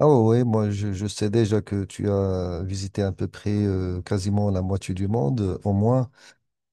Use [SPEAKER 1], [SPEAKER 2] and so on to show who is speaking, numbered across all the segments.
[SPEAKER 1] Ah oui, oui, moi je sais déjà que tu as visité à peu près quasiment la moitié du monde, au moins.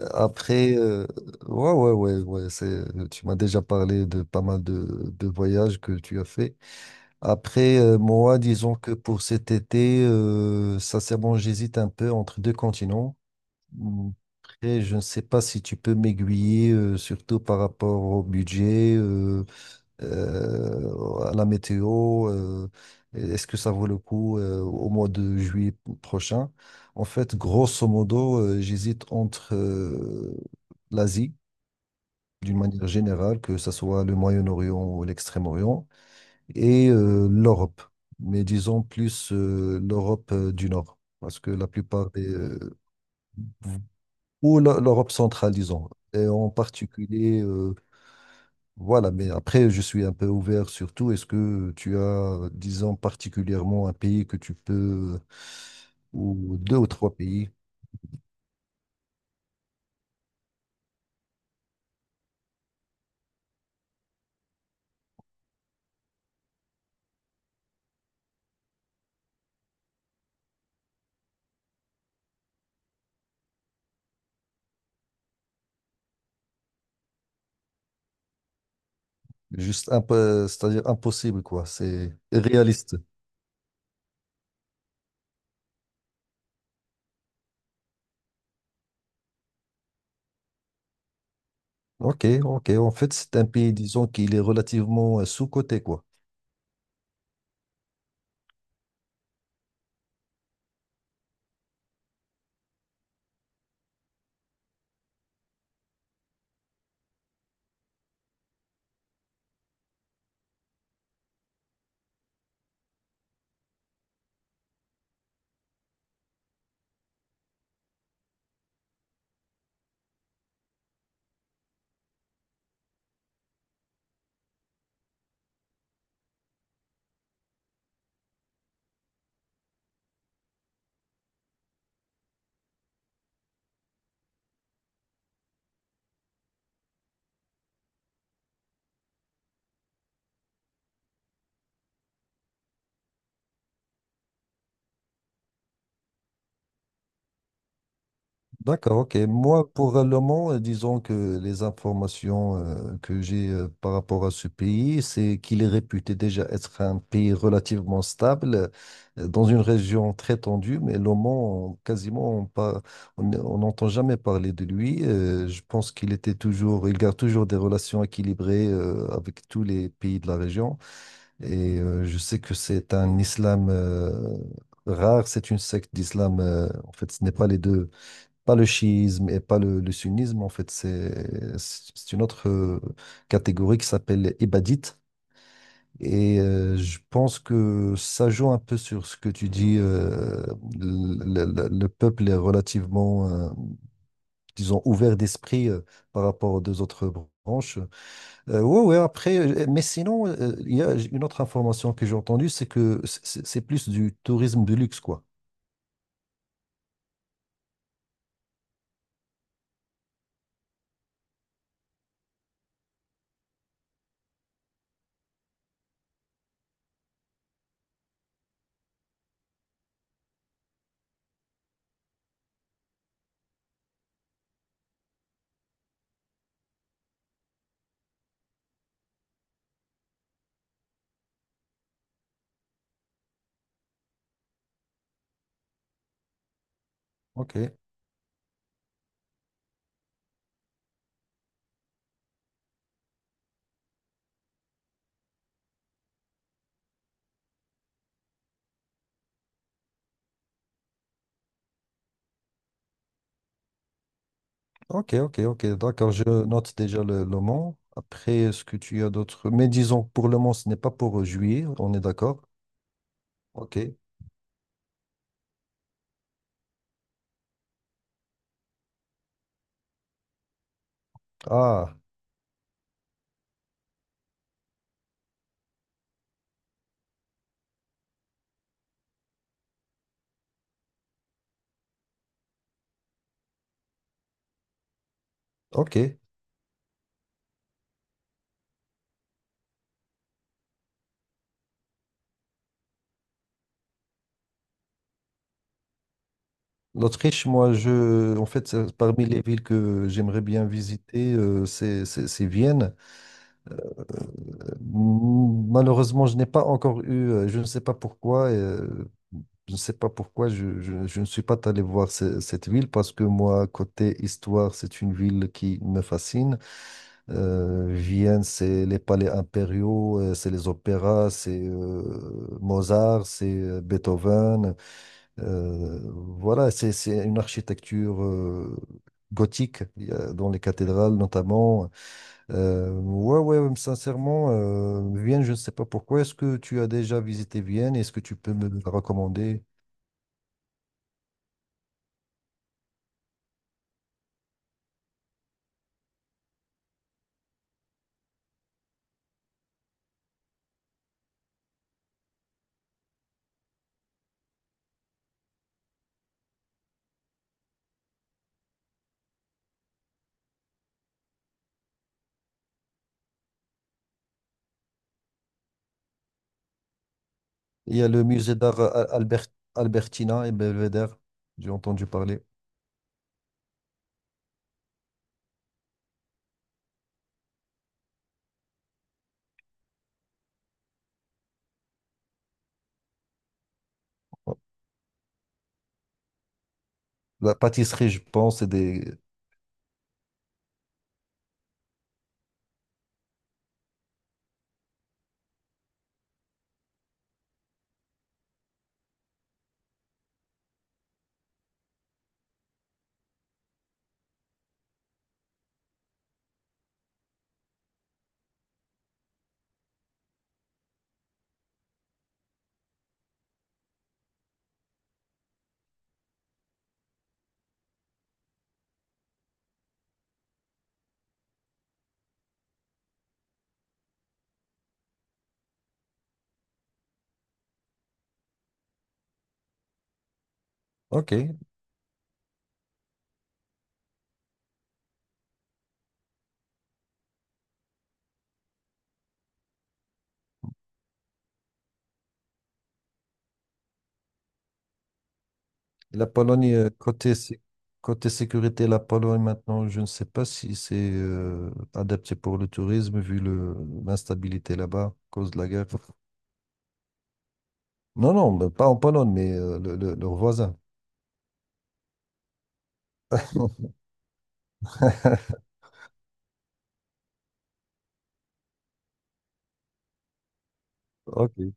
[SPEAKER 1] Euh, Après, euh, ouais, ouais, ouais, ouais, c'est, tu m'as déjà parlé de pas mal de voyages que tu as fait. Après, moi, disons que pour cet été, sincèrement, j'hésite un peu entre deux continents. Mm, Après, je ne sais pas si tu peux m'aiguiller, surtout par rapport au budget, à la météo, est-ce que ça vaut le coup au mois de juillet prochain? En fait, grosso modo, j'hésite entre l'Asie, d'une manière générale, que ce soit le Moyen-Orient ou l'Extrême-Orient, et l'Europe, mais disons plus l'Europe du Nord, parce que la plupart des... ou l'Europe centrale, disons, et en particulier voilà, mais après, je suis un peu ouvert sur tout. Est-ce que tu as, disons, particulièrement un pays que tu peux, ou deux ou trois pays? Juste un peu, c'est-à-dire impossible, quoi. C'est réaliste. Ok, ok. En fait, c'est un pays, disons, qu'il est relativement sous-coté, quoi. D'accord, ok. Moi, pour le moment, disons que les informations que j'ai par rapport à ce pays, c'est qu'il est réputé déjà être un pays relativement stable, dans une région très tendue, mais le Mans, quasiment, on n'entend jamais parler de lui. Je pense qu'il était toujours, il garde toujours des relations équilibrées avec tous les pays de la région. Et je sais que c'est un islam rare, c'est une secte d'islam. En fait, ce n'est pas les deux pas le chiisme et pas le sunnisme, en fait, c'est une autre catégorie qui s'appelle ibadite. Et je pense que ça joue un peu sur ce que tu dis. Le peuple est relativement, disons, ouvert d'esprit par rapport aux deux autres branches. Ouais, ouais, après, mais sinon, il y a une autre information que j'ai entendue, c'est que c'est plus du tourisme de luxe, quoi. Ok. Ok, ok, ok, d'accord, je note déjà le Mans. Après, est-ce que tu as d'autres... Mais disons, pour le Mans, ce n'est pas pour juillet, on est d'accord? Ok. Ah, ok. L'Autriche, moi, je... En fait, c'est parmi les villes que j'aimerais bien visiter, c'est Vienne. Malheureusement, je n'ai pas encore eu, je ne sais pas pourquoi, je ne sais pas pourquoi je ne suis pas allé voir cette ville parce que moi, côté histoire, c'est une ville qui me fascine. Vienne, c'est les palais impériaux, c'est les opéras, c'est Mozart, c'est Beethoven. Voilà, c'est une architecture gothique dans les cathédrales notamment. Ouais, ouais, sincèrement, Vienne, je ne sais pas pourquoi. Est-ce que tu as déjà visité Vienne? Est-ce que tu peux me la recommander? Il y a le musée d'art Albertina et Belvedere. J'ai entendu parler. Oh, la pâtisserie, je pense, c'est des... Ok. La Pologne, côté sécurité, la Pologne, maintenant, je ne sais pas si c'est adapté pour le tourisme, vu l'instabilité là-bas, à cause de la guerre. Non, non, mais pas en Pologne, mais leurs voisins. Ok.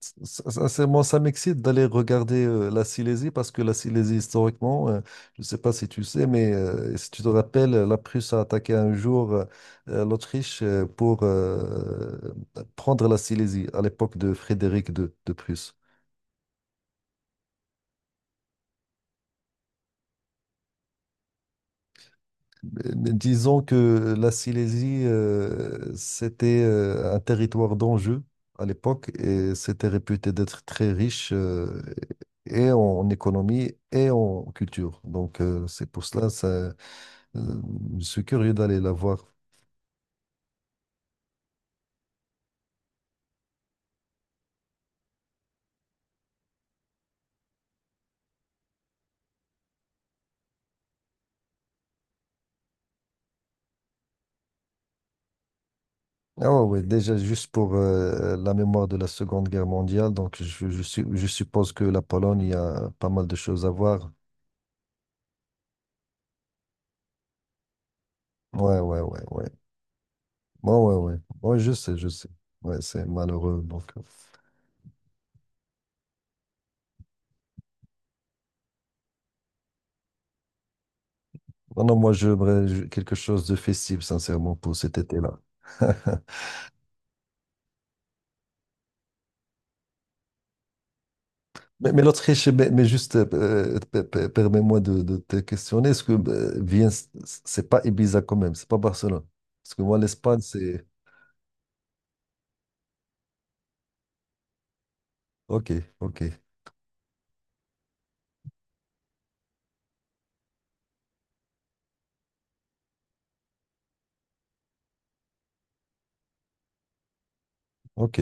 [SPEAKER 1] Sincèrement, ça m'excite d'aller regarder la Silésie parce que la Silésie, historiquement, je ne sais pas si tu sais, mais si tu te rappelles, la Prusse a attaqué un jour l'Autriche pour prendre la Silésie à l'époque de Frédéric II de Prusse. Disons que la Silésie, c'était un territoire d'enjeu à l'époque et c'était réputé d'être très riche et en économie et en culture. Donc, c'est pour cela, ça, je suis curieux d'aller la voir. Ah ouais, ouais, déjà, juste pour la mémoire de la Seconde Guerre mondiale, donc je suppose que la Pologne, il y a pas mal de choses à voir. Ouais, ouais, ouais, ouais. Ouais, ouais, ouais. Ouais, je sais, je sais. Ouais, c'est malheureux, donc. Non, non, moi, j'aimerais quelque chose de festif, sincèrement, pour cet été-là. Mais l'Autriche, mais juste, permets-moi de te questionner. Est-ce que Vienne, c'est pas Ibiza quand même, c'est pas Barcelone? Parce que moi, l'Espagne, c'est. Ok, ok, ok.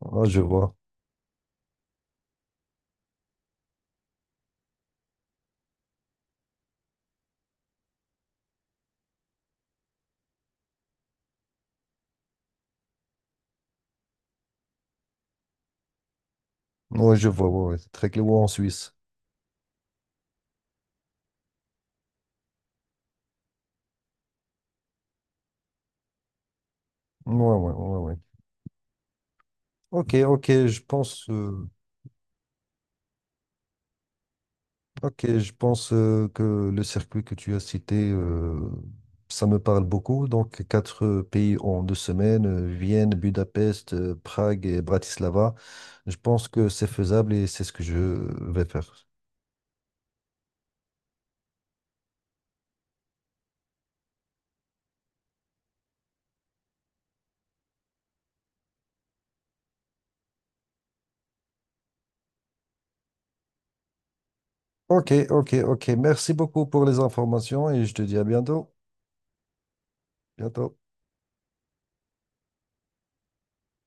[SPEAKER 1] Ah, je vois. Oui, je vois, ouais, ouais, c'est très clair. Ou en Suisse. Ouais, ouais, ouais, ouais. Ok, je pense. Ok, je pense que le circuit que tu as cité, ça me parle beaucoup. Donc, quatre pays en deux semaines, Vienne, Budapest, Prague et Bratislava. Je pense que c'est faisable et c'est ce que je vais faire. Ok, ok, ok. Merci beaucoup pour les informations et je te dis à bientôt. Bientôt.